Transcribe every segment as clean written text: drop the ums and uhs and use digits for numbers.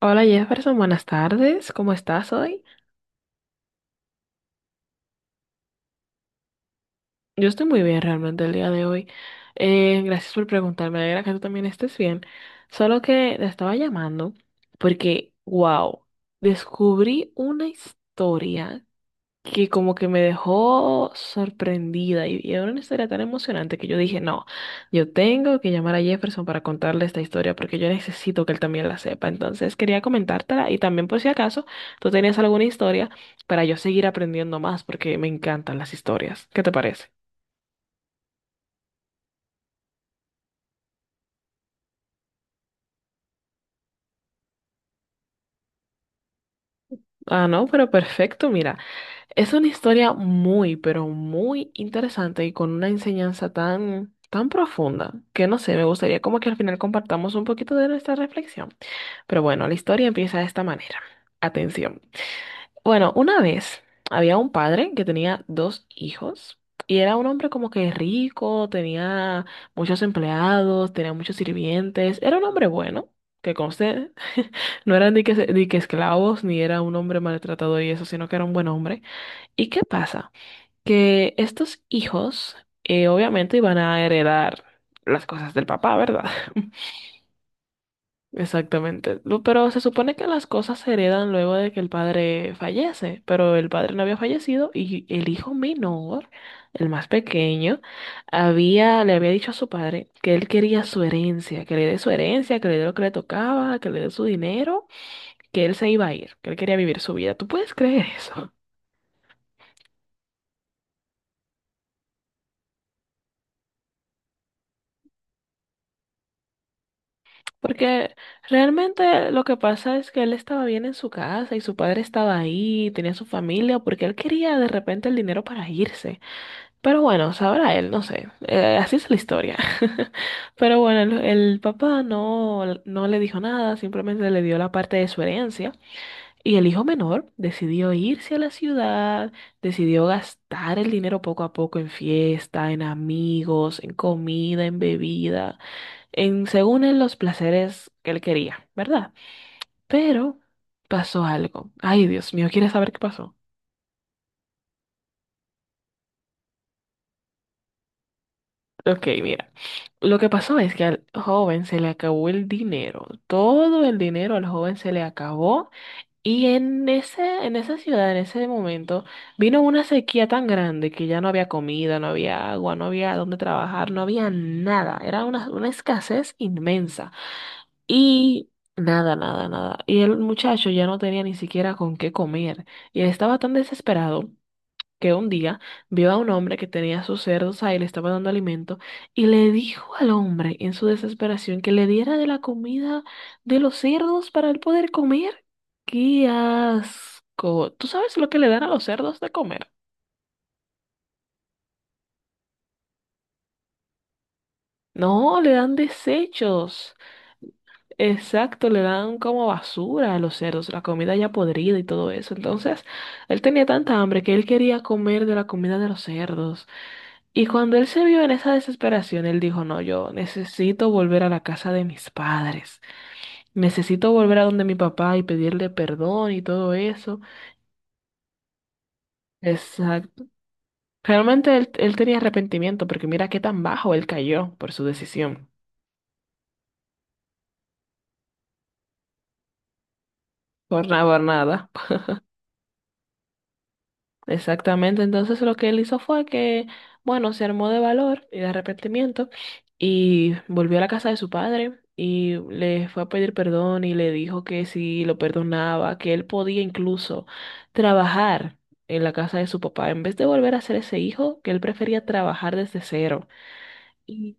Hola Jefferson, buenas tardes. ¿Cómo estás hoy? Yo estoy muy bien realmente el día de hoy. Gracias por preguntarme. Me alegra que tú también estés bien. Solo que te estaba llamando porque, wow, descubrí una historia que como que me dejó sorprendida y era una historia tan emocionante que yo dije, no, yo tengo que llamar a Jefferson para contarle esta historia porque yo necesito que él también la sepa. Entonces quería comentártela y también por si acaso tú tenías alguna historia para yo seguir aprendiendo más porque me encantan las historias. ¿Qué te parece? Ah, no, pero perfecto, mira, es una historia muy, pero muy interesante y con una enseñanza tan, tan profunda que no sé, me gustaría como que al final compartamos un poquito de nuestra reflexión. Pero bueno, la historia empieza de esta manera. Atención. Bueno, una vez había un padre que tenía dos hijos y era un hombre como que rico, tenía muchos empleados, tenía muchos sirvientes, era un hombre bueno, que conste, no era ni que, ni que esclavos, ni era un hombre maltratador y eso, sino que era un buen hombre. ¿Y qué pasa? Que estos hijos obviamente iban a heredar las cosas del papá, ¿verdad? Exactamente. Pero se supone que las cosas se heredan luego de que el padre fallece, pero el padre no había fallecido y el hijo menor, el más pequeño, había, le había dicho a su padre que él quería su herencia, que le dé su herencia, que le dé lo que le tocaba, que le dé su dinero, que él se iba a ir, que él quería vivir su vida. ¿Tú puedes creer eso? Porque realmente lo que pasa es que él estaba bien en su casa y su padre estaba ahí, tenía su familia, porque él quería de repente el dinero para irse. Pero bueno, sabrá él, no sé. Así es la historia. Pero bueno, el papá no le dijo nada, simplemente le dio la parte de su herencia. Y el hijo menor decidió irse a la ciudad, decidió gastar el dinero poco a poco en fiesta, en amigos, en comida, en bebida, en según él los placeres que él quería, ¿verdad? Pero pasó algo. Ay, Dios mío, ¿quieres saber qué pasó? Ok, mira, lo que pasó es que al joven se le acabó el dinero, todo el dinero al joven se le acabó y en en esa ciudad, en ese momento, vino una sequía tan grande que ya no había comida, no había agua, no había dónde trabajar, no había nada, era una escasez inmensa y nada, nada, nada. Y el muchacho ya no tenía ni siquiera con qué comer y él estaba tan desesperado que un día vio a un hombre que tenía sus cerdos ahí, le estaba dando alimento, y le dijo al hombre en su desesperación que le diera de la comida de los cerdos para él poder comer. ¡Qué asco! ¿Tú sabes lo que le dan a los cerdos de comer? No, le dan desechos. Exacto, le dan como basura a los cerdos, la comida ya podrida y todo eso. Entonces, él tenía tanta hambre que él quería comer de la comida de los cerdos. Y cuando él se vio en esa desesperación, él dijo, no, yo necesito volver a la casa de mis padres, necesito volver a donde mi papá y pedirle perdón y todo eso. Exacto. Realmente él tenía arrepentimiento porque mira qué tan bajo él cayó por su decisión. Por nada, por nada. Exactamente, entonces lo que él hizo fue que, bueno, se armó de valor y de arrepentimiento y volvió a la casa de su padre y le fue a pedir perdón y le dijo que si lo perdonaba, que él podía incluso trabajar en la casa de su papá, en vez de volver a ser ese hijo, que él prefería trabajar desde cero. Y-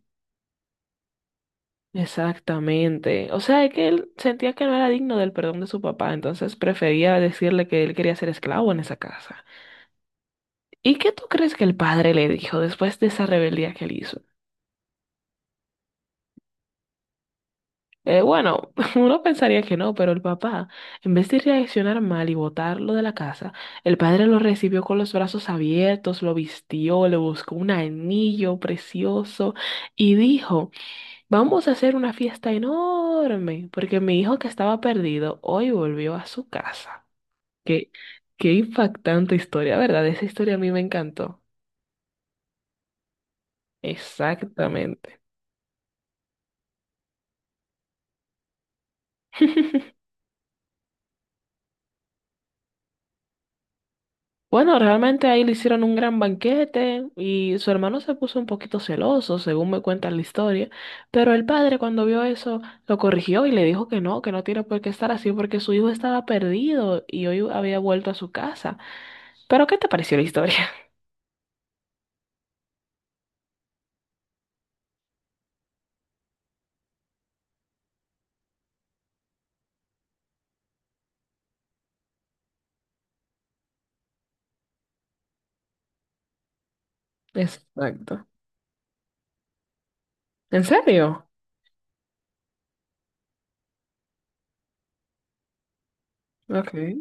Exactamente, o sea, es que él sentía que no era digno del perdón de su papá, entonces prefería decirle que él quería ser esclavo en esa casa. ¿Y qué tú crees que el padre le dijo después de esa rebeldía que él hizo? Bueno, uno pensaría que no, pero el papá, en vez de reaccionar mal y botarlo de la casa, el padre lo recibió con los brazos abiertos, lo vistió, le buscó un anillo precioso y dijo, vamos a hacer una fiesta enorme, porque mi hijo que estaba perdido hoy volvió a su casa. Qué, qué impactante historia, ¿verdad? Esa historia a mí me encantó. Exactamente. Bueno, realmente ahí le hicieron un gran banquete y su hermano se puso un poquito celoso, según me cuenta la historia, pero el padre cuando vio eso lo corrigió y le dijo que no tiene por qué estar así porque su hijo estaba perdido y hoy había vuelto a su casa. Pero ¿qué te pareció la historia? Exacto. ¿En serio? Okay.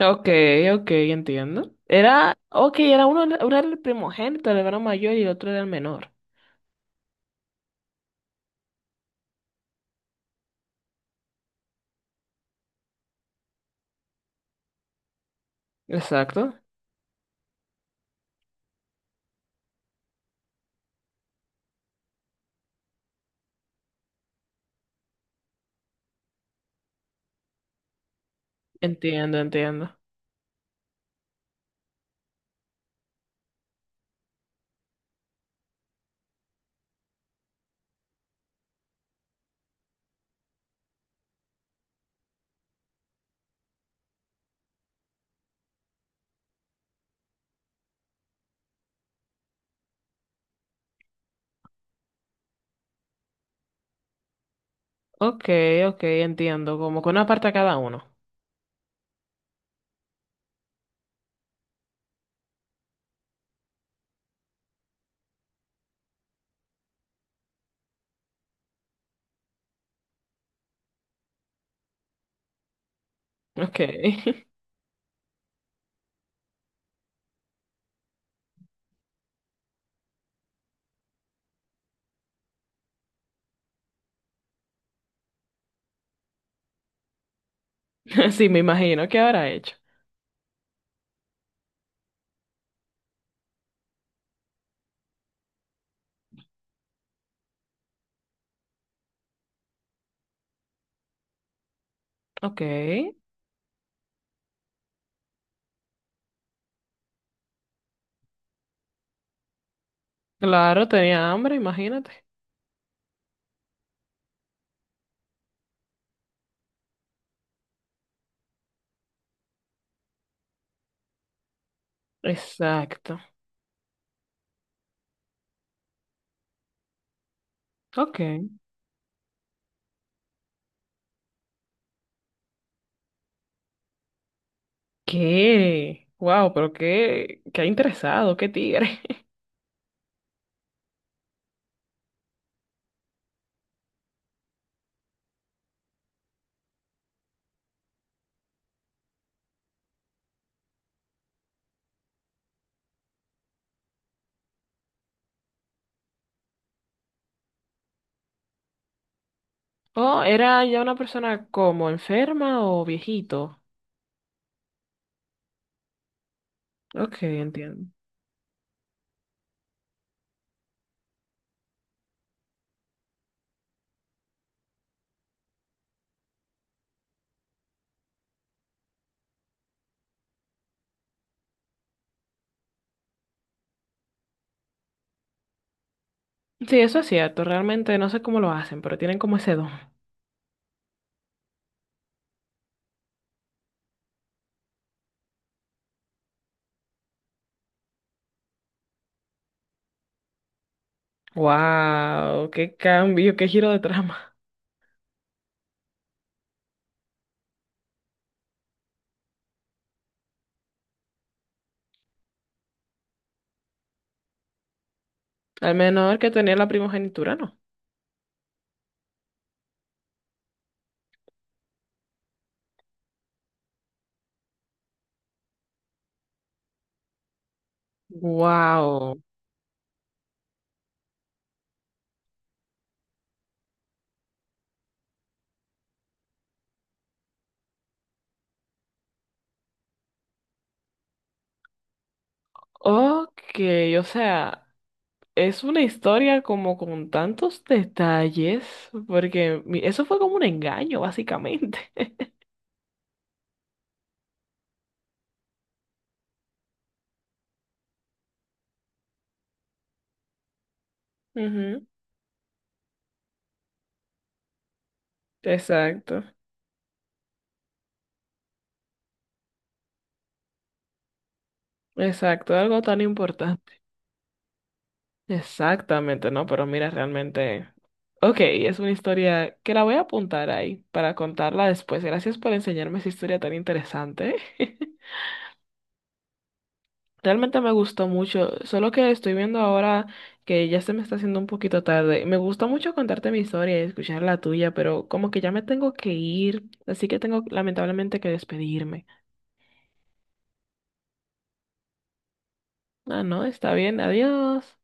Okay, okay, entiendo. Era, okay, era uno, uno era el primogénito, el hermano mayor y el otro era el menor. Exacto. Entiendo, entiendo. Ok, ok, entiendo. Como que una parte a cada uno. Ok. Sí, me imagino. ¿Qué habrá hecho? Ok. Claro, tenía hambre, imagínate. Exacto. Ok. ¿Qué? Wow, pero qué, qué interesado, qué tigre. Oh, era ya una persona como enferma o viejito. Ok, entiendo. Sí, eso es cierto. Realmente no sé cómo lo hacen, pero tienen como ese don. Wow, qué cambio, qué giro de trama. Al menor que tenía la primogenitura, no. Wow. Ok, o sea, es una historia como con tantos detalles, porque eso fue como un engaño, básicamente. Ujú, exacto, exacto, algo tan importante. Exactamente, ¿no? Pero mira, realmente, ok, es una historia que la voy a apuntar ahí para contarla después. Gracias por enseñarme esa historia tan interesante. Realmente me gustó mucho, solo que estoy viendo ahora que ya se me está haciendo un poquito tarde. Me gusta mucho contarte mi historia y escuchar la tuya, pero como que ya me tengo que ir, así que tengo lamentablemente que despedirme. Ah, no, está bien, adiós.